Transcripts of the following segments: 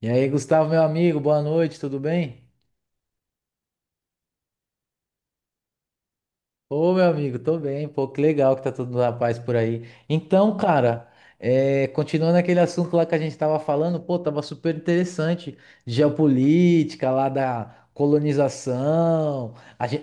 E aí, Gustavo, meu amigo, boa noite, tudo bem? Ô, meu amigo, tô bem, pô, que legal que tá todo na paz por aí. Então, cara, é, continuando aquele assunto lá que a gente tava falando, pô, tava super interessante, geopolítica lá da colonização. a gente,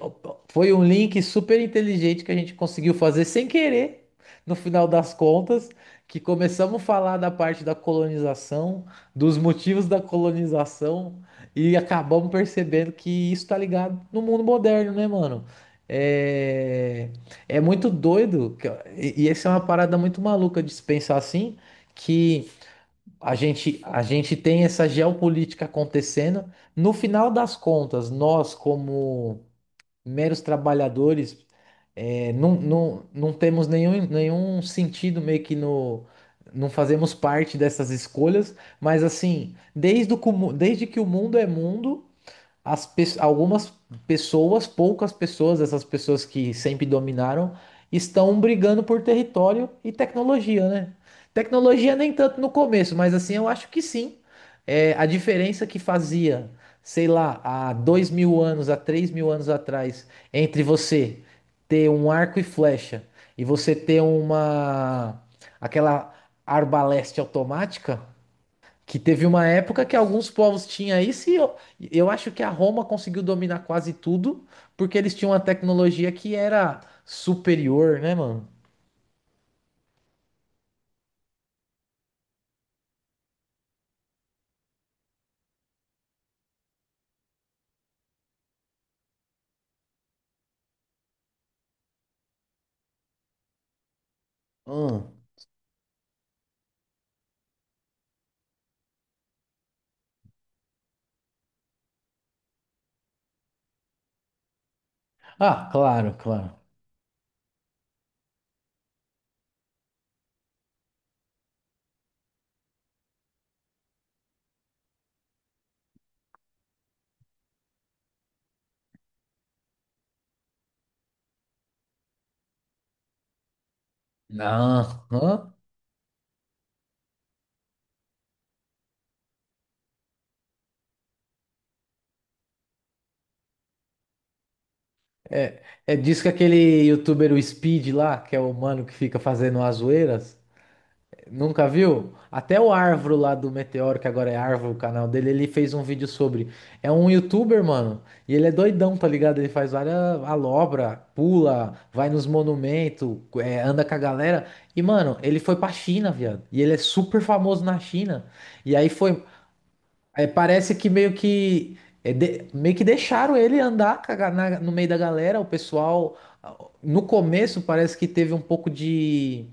Foi um link super inteligente que a gente conseguiu fazer sem querer, no final das contas, que começamos a falar da parte da colonização, dos motivos da colonização, e acabamos percebendo que isso tá ligado no mundo moderno, né, mano? É, é muito doido, e essa é uma parada muito maluca de se pensar assim, que a gente tem essa geopolítica acontecendo. No final das contas, nós, como meros trabalhadores, é, não temos nenhum sentido meio que no. Não fazemos parte dessas escolhas, mas assim, desde que o mundo é mundo, algumas pessoas, poucas pessoas, essas pessoas que sempre dominaram, estão brigando por território e tecnologia, né? Tecnologia nem tanto no começo, mas assim eu acho que sim. É, a diferença que fazia, sei lá, há 2.000 anos, há 3.000 anos atrás, entre você ter um arco e flecha e você ter uma aquela arbaleste automática. Que teve uma época que alguns povos tinham isso e eu acho que a Roma conseguiu dominar quase tudo porque eles tinham uma tecnologia que era superior, né, mano? Hum. Ah, claro, claro. Aham. É, é disso que aquele youtuber, o Speed lá, que é o mano que fica fazendo as zoeiras. Nunca viu? Até o Arvro lá do Meteoro, que agora é Arvro o canal dele, ele fez um vídeo sobre. É um youtuber, mano. E ele é doidão, tá ligado? Ele faz várias alobra, pula, vai nos monumentos, é, anda com a galera. E, mano, ele foi pra China, viado. E ele é super famoso na China. E aí foi, é, parece que meio que, é, meio que deixaram ele andar com a ga-, na-, no meio da galera. O pessoal, ah, no começo parece que teve um pouco de,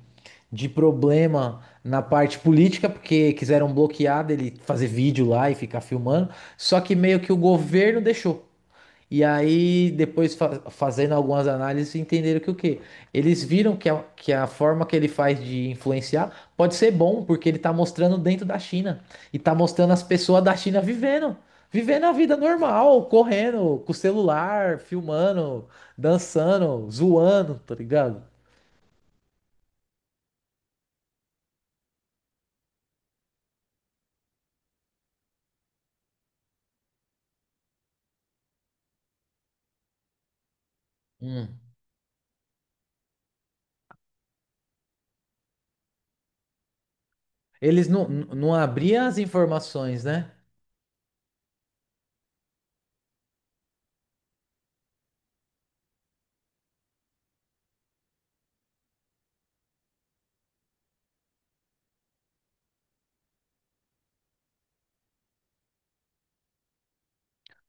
de problema na parte política, porque quiseram bloquear dele fazer vídeo lá e ficar filmando. Só que meio que o governo deixou. E aí, depois fazendo algumas análises, entenderam que o quê? Eles viram que a forma que ele faz de influenciar pode ser bom, porque ele tá mostrando dentro da China. E tá mostrando as pessoas da China vivendo. Vivendo a vida normal, correndo, com o celular, filmando, dançando, zoando, tá ligado? Hum. Eles não, não abriam as informações, né?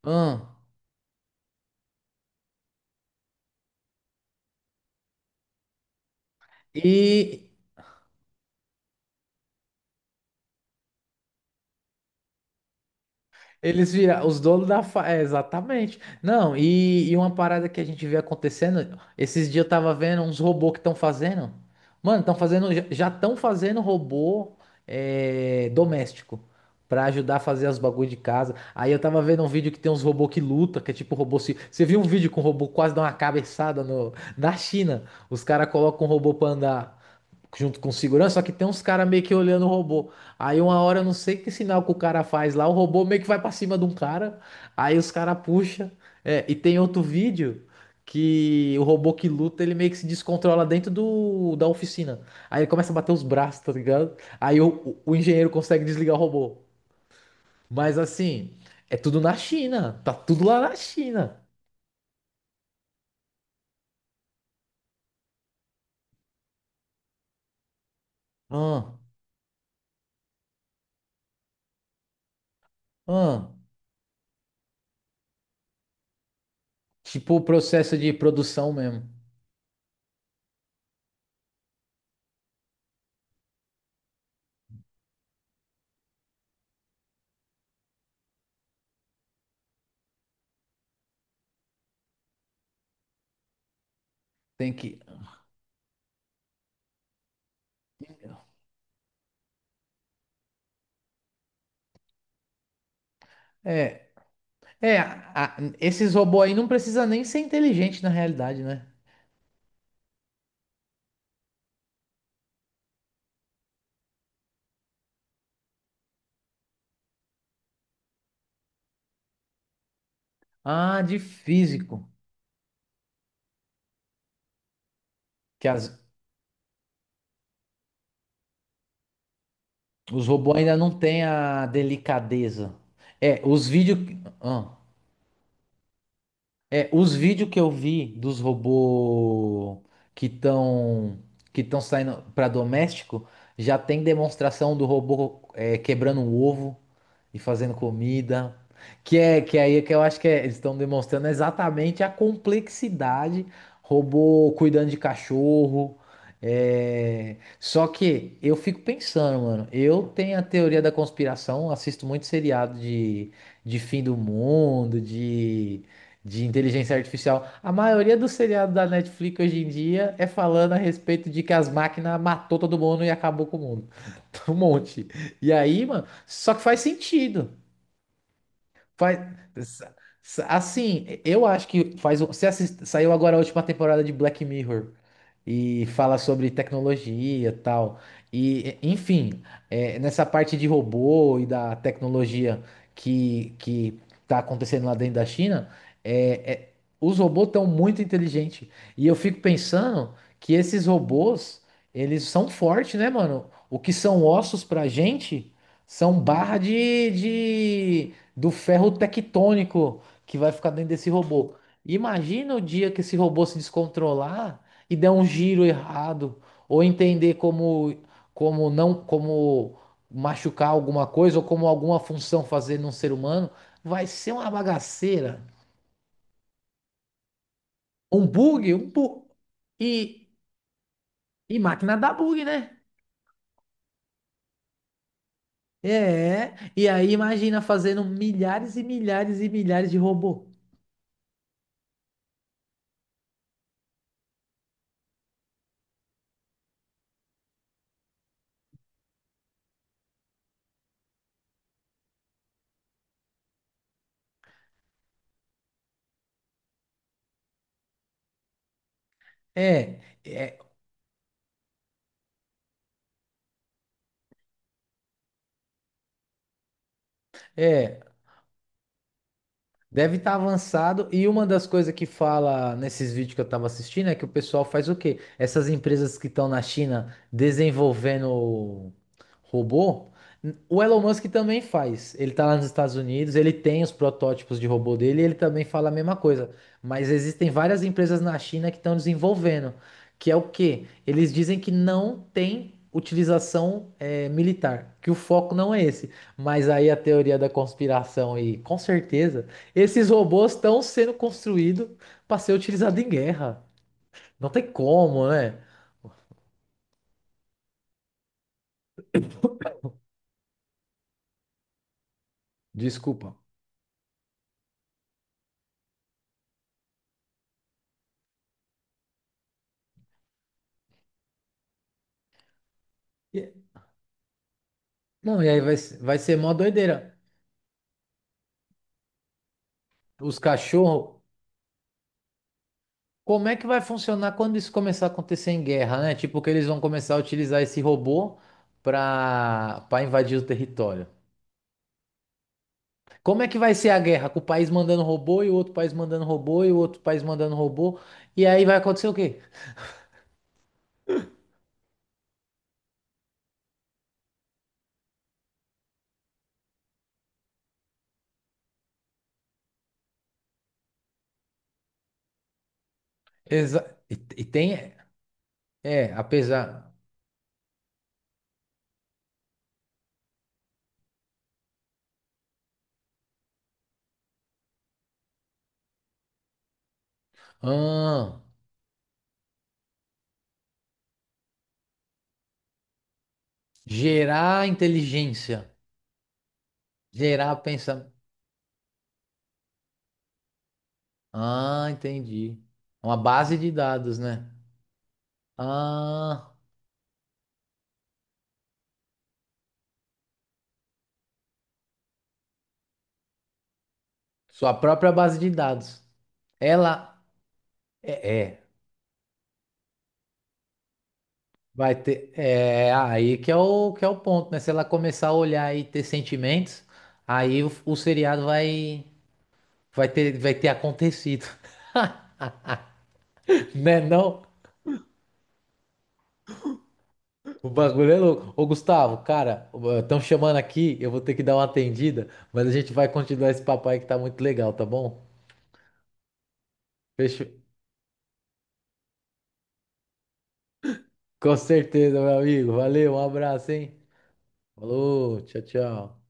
Hum. E, Eles viram os donos da fa-, é, exatamente. Não, e uma parada que a gente vê acontecendo, esses dias eu tava vendo uns robôs que estão fazendo. Mano, estão fazendo, já estão fazendo robô, é, doméstico pra ajudar a fazer os bagulho de casa. Aí eu tava vendo um vídeo que tem uns robôs que luta, que é tipo robô se, você viu um vídeo com um robô quase dá uma cabeçada no, na China? Os caras colocam um robô pra andar junto com segurança, só que tem uns caras meio que olhando o robô. Aí uma hora, eu não sei que sinal que o cara faz lá, o robô meio que vai pra cima de um cara, aí os caras puxa. É, e tem outro vídeo que o robô que luta, ele meio que se descontrola dentro da oficina. Aí ele começa a bater os braços, tá ligado? Aí o engenheiro consegue desligar o robô. Mas assim, é tudo na China, tá tudo lá na China. Ah, ah. Tipo o processo de produção mesmo. Tem que. É, é, a-, esses robôs aí não precisa nem ser inteligente na realidade, né? Ah, de físico. Que as-, os robôs ainda não têm a delicadeza. É, os vídeos, é, os vídeos que eu vi dos robôs que estão, que estão saindo para doméstico já tem demonstração do robô, é, quebrando um ovo e fazendo comida. Que é, que é aí que eu acho que é-, eles estão demonstrando exatamente a complexidade, robô cuidando de cachorro. É. Só que eu fico pensando, mano, eu tenho a teoria da conspiração, assisto muito seriado de fim do mundo, de inteligência artificial. A maioria dos seriados da Netflix hoje em dia é falando a respeito de que as máquinas matou todo mundo e acabou com o mundo. Um monte. E aí, mano. Só que faz sentido. Faz, assim, eu acho que faz. Você saiu agora a última temporada de Black Mirror e fala sobre tecnologia e tal. E, enfim, é, nessa parte de robô e da tecnologia que tá acontecendo lá dentro da China, é, é-, os robôs estão muito inteligentes. E eu fico pensando que esses robôs, eles são fortes, né, mano? O que são ossos pra gente são barra de do ferro tectônico que vai ficar dentro desse robô. Imagina o dia que esse robô se descontrolar e der um giro errado, ou entender como, como não, como machucar alguma coisa, ou como alguma função fazer num ser humano, vai ser uma bagaceira. Um bug, um bu e, e máquina dá bug, né? É, e aí imagina fazendo milhares e milhares e milhares de robô. É, é, é. Deve estar avançado. E uma das coisas que fala nesses vídeos que eu estava assistindo é que o pessoal faz o quê? Essas empresas que estão na China desenvolvendo robô, o Elon Musk também faz. Ele está lá nos Estados Unidos, ele tem os protótipos de robô dele, e ele também fala a mesma coisa. Mas existem várias empresas na China que estão desenvolvendo, que é o quê? Eles dizem que não tem utilização, eh, militar, que o foco não é esse. Mas aí a teoria da conspiração, e com certeza. Esses robôs estão sendo construídos para ser utilizado em guerra. Não tem como, né? Desculpa. E- Não, e aí vai, vai ser mó doideira. Os cachorros, como é que vai funcionar quando isso começar a acontecer em guerra, né? Tipo, que eles vão começar a utilizar esse robô para para invadir o território. Como é que vai ser a guerra? Com o país mandando robô e o outro país mandando robô e o outro país mandando robô. E aí vai acontecer o quê? Exa-, e tem. É, apesar. Ah. Gerar inteligência. Gerar pensamento. Ah, entendi. É, uma base de dados, né? Ah, sua própria base de dados. Ela é, é, vai ter. É, é aí que é o ponto, né? Se ela começar a olhar e ter sentimentos, aí o seriado vai, vai ter acontecido. Né, não? O bagulho é louco. Ô, Gustavo, cara, estão chamando aqui, eu vou ter que dar uma atendida, mas a gente vai continuar esse papo aí que tá muito legal, tá bom? Fechou. Com certeza, meu amigo. Valeu, um abraço, hein? Falou, tchau, tchau.